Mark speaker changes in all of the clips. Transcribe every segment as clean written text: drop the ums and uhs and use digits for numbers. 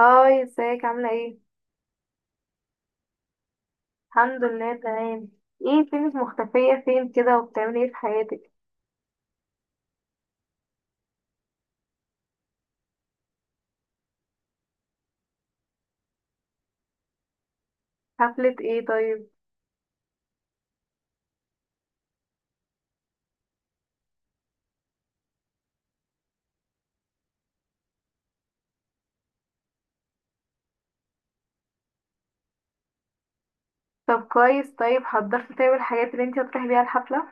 Speaker 1: هاي، ازيك؟ عاملة ايه؟ الحمد لله تمام. ايه فينك مختفية فين كده وبتعملي ايه في حياتك؟ حفلة ايه طيب؟ طب كويس، طيب حضرتي، طيب الحاجات اللي انتي هتروحي بيها الحفلة؟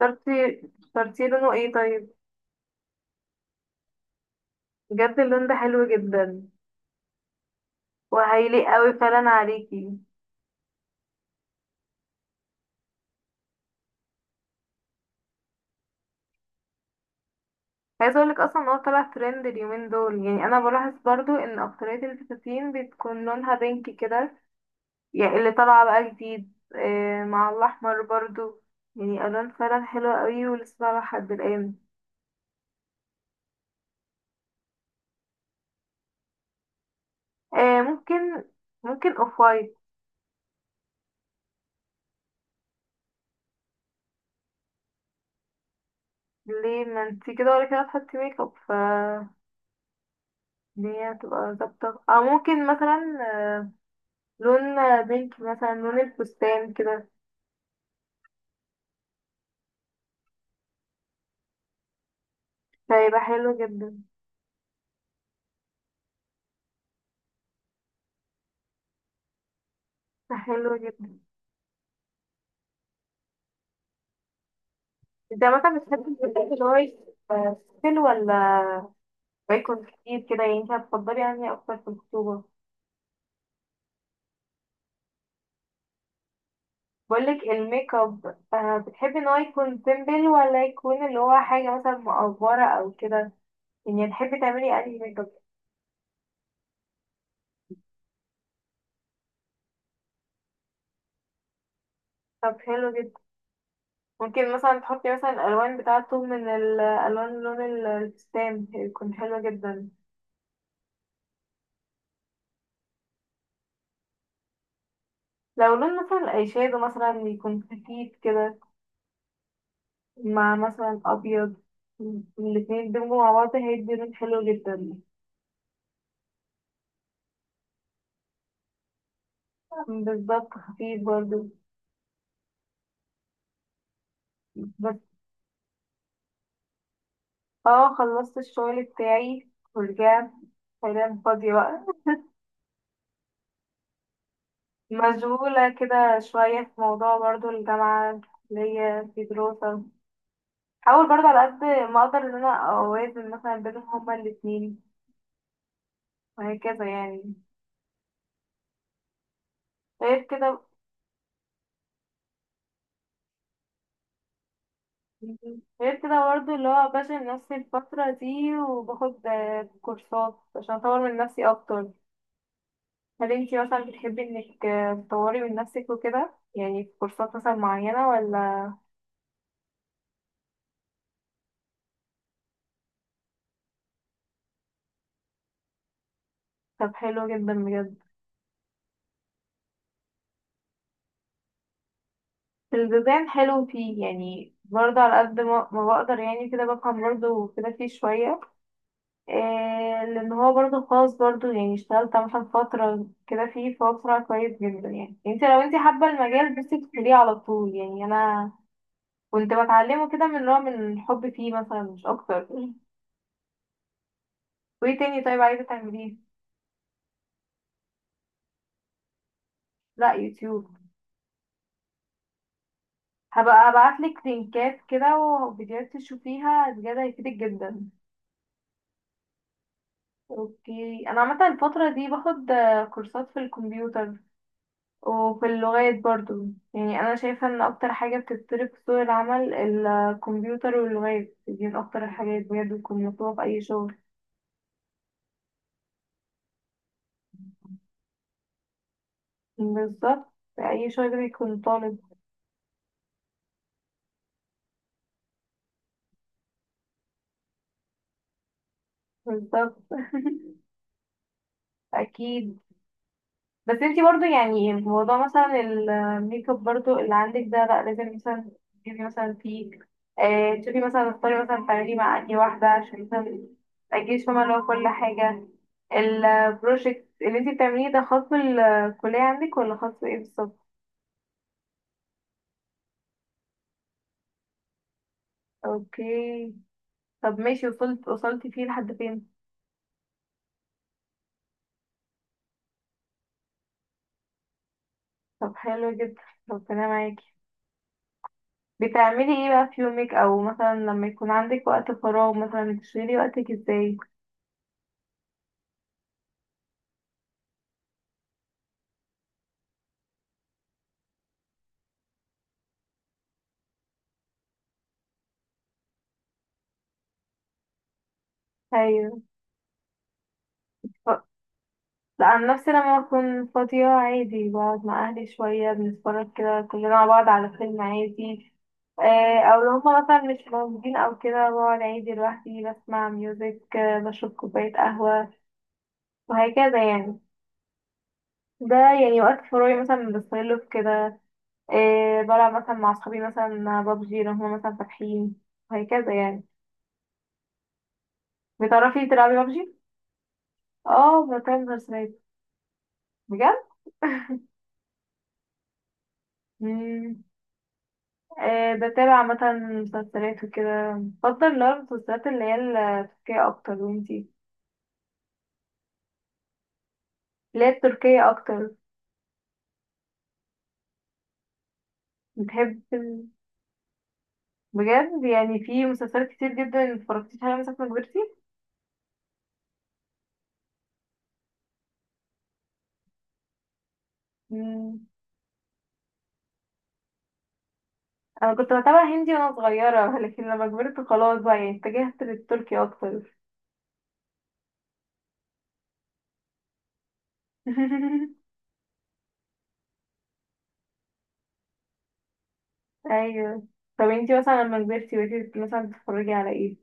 Speaker 1: اخترتي لونه ايه طيب؟ بجد اللون ده حلو جدا. وهيليق اوي فعلا عليكي. عايزة اقولك اصلا ان هو طلع ترند اليومين دول، يعني انا بلاحظ برضو ان اكترية الفساتين بتكون لونها بينك كده. يعني اللي طالعة بقى جديد مع الأحمر برضو. يعني ألوان فعلا حلوة قوي ولسه طالعة لحد الآن. ممكن. ممكن اوف وايت. ليه؟ ما انتي كده ولا كده تحطي ميك اب، ف الدنيا هتبقى ظابطة. أو ممكن مثلا لون بينك، مثلا لون الفستان كده، فيبقى حلو جدا. حلو جدا. انت مثلا بتحبي الفستان اللي هو يبقى سيمبل ولا يكون كتير كده؟ يعني انت هتفضلي يعني أكتر في الخطوبة، بقولك الميك اب، آه، بتحبي ان هو يكون سيمبل ولا يكون اللي هو حاجة مثلا مقفرة او كده؟ يعني تحبي تعملي انهي ميك اب؟ طب حلو جدا. ممكن مثلا تحطي مثلا الالوان بتاعته من الالوان، لون الفستان، يكون حلو جدا. لو لون مثلا الايشادو مثلا يكون خفيف كده مع مثلا ابيض، الاتنين يدمجوا مع بعض، هيدي لون حلو جدا. بالظبط، خفيف برضه. بس اه خلصت الشغل بتاعي ورجعت، حاليا فاضية بقى. مشغولة كده شوية في موضوع برضو الجامعة، اللي هي في دراسة. حاول برضو على قد ما أقدر إن أنا أوازن مثلا بينهم هما الاتنين، وهكذا يعني. غير كده، غير كده برضو اللي هو بشغل نفسي الفترة دي، وباخد كورسات عشان أطور من نفسي أكتر. هل انتي مثلا بتحبي إنك تطوري من نفسك وكده؟ يعني في كورسات مثلا معينة ولا؟ طب حلو جدا بجد. الديزاين حلو فيه، يعني برضه على قد ما ما بقدر يعني كده بفهم برضه كده فيه شوية إيه، لأن هو برضه خاص. برضه يعني اشتغلت مثلا فترة كده فيه، فهو بصراحة كويس جدا. يعني انت لو انت حابة المجال بس تدخليه على طول. يعني أنا كنت بتعلمه كده من نوع من الحب فيه مثلا، مش أكتر. وايه تاني طيب عايزة تعمليه؟ لا يوتيوب. هبقى ابعتلك لينكات كده وفيديوهات تشوفيها، بجد هيفيدك جدا. اوكي، انا عامه الفتره دي باخد كورسات في الكمبيوتر وفي اللغات برضو. يعني انا شايفه ان اكتر حاجه بتتطلب في سوق العمل الكمبيوتر واللغات، دي من اكتر الحاجات بجد بتكون مطلوبه في اي شغل. بالظبط، في اي شغل بيكون طالب. بالظبط. اكيد. بس انتي برضو يعني موضوع مثلا الميك اب برضو اللي عندك ده، لا لازم مثلا تجيبي مثلا فيه، آه تشوفي مثلا تختاري مثلا تعملي مع انهي واحدة، عشان مثلا متأجيش فاهمة اللي هو كل حاجة. البروجكت اللي انتي بتعمليه ده خاص بالكلية عندك ولا خاص بإيه بالظبط؟ اوكي. طب ماشي، وصلتي فيه لحد فين؟ طب حلو جدا، ربنا معاكي. بتعملي ايه بقى في يومك او مثلا لما يكون عندك وقت فراغ، مثلا بتشغلي وقتك ازاي؟ ايوه. لا عن نفسي لما بكون فاضية عادي بقعد مع أهلي شوية، بنتفرج كده كلنا مع بعض على فيلم عادي. أو لو هما مثلا مش موجودين أو كده بقعد عادي لوحدي، بسمع ميوزك، بشرب كوباية قهوة، وهكذا يعني. ده يعني وقت فراغي مثلا بستغله في كده. بلعب مثلا مع صحابي مثلا بابجي لو هما مثلا فاتحين، وهكذا يعني. بتعرفي تلعبي بابجي؟ اه بتعمل مسلسلات. بجد؟ بتابع مثلا مسلسلات وكده، بفضل اللي هو المسلسلات اللي هي التركية أكتر. وانتي؟ اللي هي التركية أكتر. بتحب بجد يعني في مسلسلات كتير جدا متفرجتيش عليها مثلا لما كبرتي؟ مم، أنا كنت بتابع هندي وأنا صغيرة. لكن لما كبرت خلاص بقى يعني اتجهت للتركي أكتر. أيوه. طب انتي مثلا لما كبرتي بقيتي مثلا بتتفرجي على ايه؟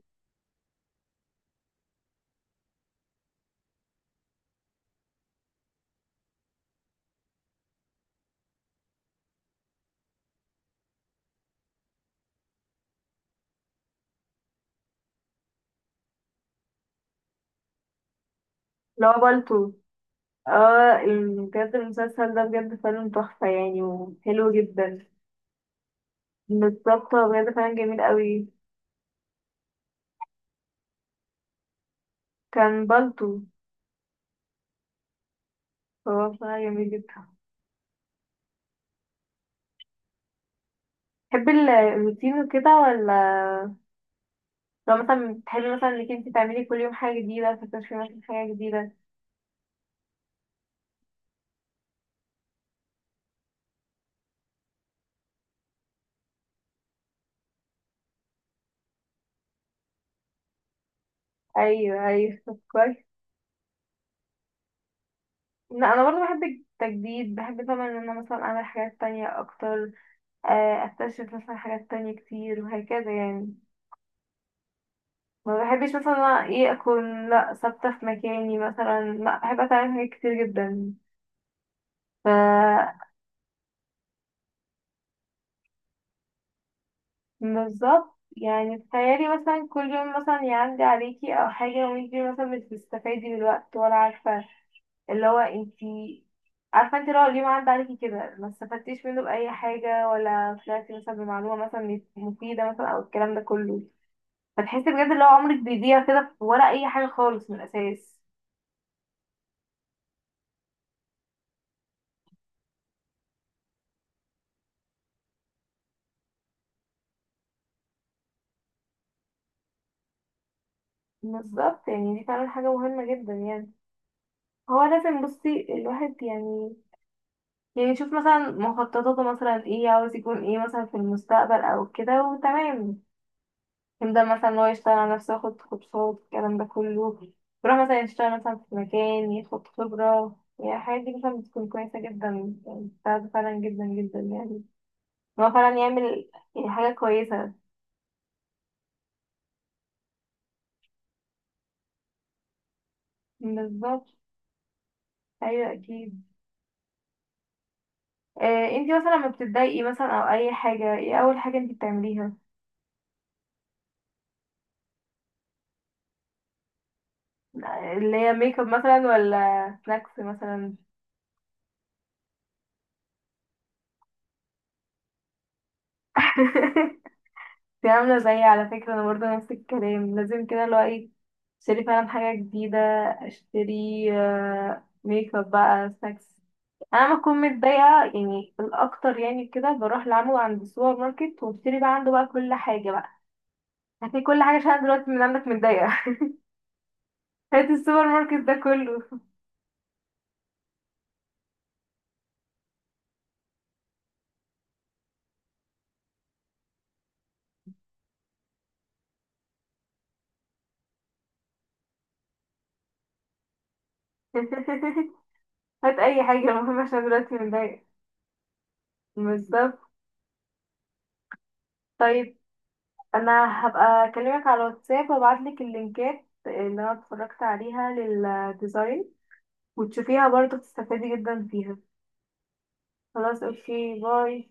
Speaker 1: اللي هو بالطو. اه بجد المسلسل ده بجد فيلم تحفة يعني، وحلو جدا. بالظبط، هو بجد فعلا جميل قوي. كان بالطو. هو بصراحة جميل جدا. تحبي الروتين وكده، ولا لو مثلا بتحبي مثلا انك انت تعملي كل يوم حاجة جديدة، تكتشفي مثلا حاجة جديدة؟ ايوه ايوه، طب كويس. لا انا برضه بحب التجديد، بحب طبعا ان انا مثلا اعمل حاجات تانية اكتر، اكتشف مثلا حاجات تانية كتير، وهكذا يعني. ما بحبش مثلا أنا ايه اكون لا ثابتة في مكاني مثلا، لا بحب اتعلم حاجات كتير جدا. ف بالظبط، يعني تخيلي مثلا كل يوم مثلا يعدي عليكي او حاجة وانتي مثلا مش بتستفادي من الوقت، ولا عارفة اللي هو انتي عارفة انتي لو اليوم عدى عليكي كده ما استفدتيش منه بأي حاجة، ولا طلعتي مثلا بمعلومة مثلا مفيدة مثلا، او الكلام ده كله. فتحسي بجد اللي هو عمرك بيضيع كده ولا أي حاجة خالص من الأساس. بالظبط، يعني دي فعلا حاجة مهمة جدا يعني. هو لازم بصي الواحد يعني، يعني شوف مثلا مخططاته مثلا ايه، عاوز يكون ايه مثلا في المستقبل او كده، وتمام يبدأ مثلا ان هو يشتغل على نفسه، ياخد كورسات، الكلام ده كله، يروح مثلا يشتغل مثلا في مكان ياخد خبرة. يعني الحاجات دي مثلا بتكون كويسة جدا، يعني بتساعده فعلا جدا جدا. يعني إن هو فعلا يعمل يعني حاجة كويسة. بالظبط. أيوة أكيد. انتي مثلا لما بتتضايقي مثلا أو أي حاجة، ايه أول حاجة انتي بتعمليها؟ اللي هي ميك اب مثلا ولا سناكس مثلا؟ دي عاملة زيي على فكرة. أنا برضه نفس الكلام، لازم كده اللي هو إيه أشتري فعلا حاجة جديدة. أشتري ميك اب بقى، سناكس. أنا لما أكون متضايقة يعني الأكتر يعني كده بروح لعمو عند السوبر ماركت وأشتري بقى عنده بقى كل حاجة بقى. هاتي كل حاجة، عشان أنا دلوقتي من عندك متضايقة. هات السوبر ماركت ده كله. هات أي حاجة المهم، عشان أنا دلوقتي متضايقة. بالظبط. طيب. أنا هبقى أكلمك على الواتساب وأبعتلك اللينكات اللي أنا اتفرجت عليها، لل وتشوفيها برضه بتستفادي جدا فيها. خلاص اوكي باي.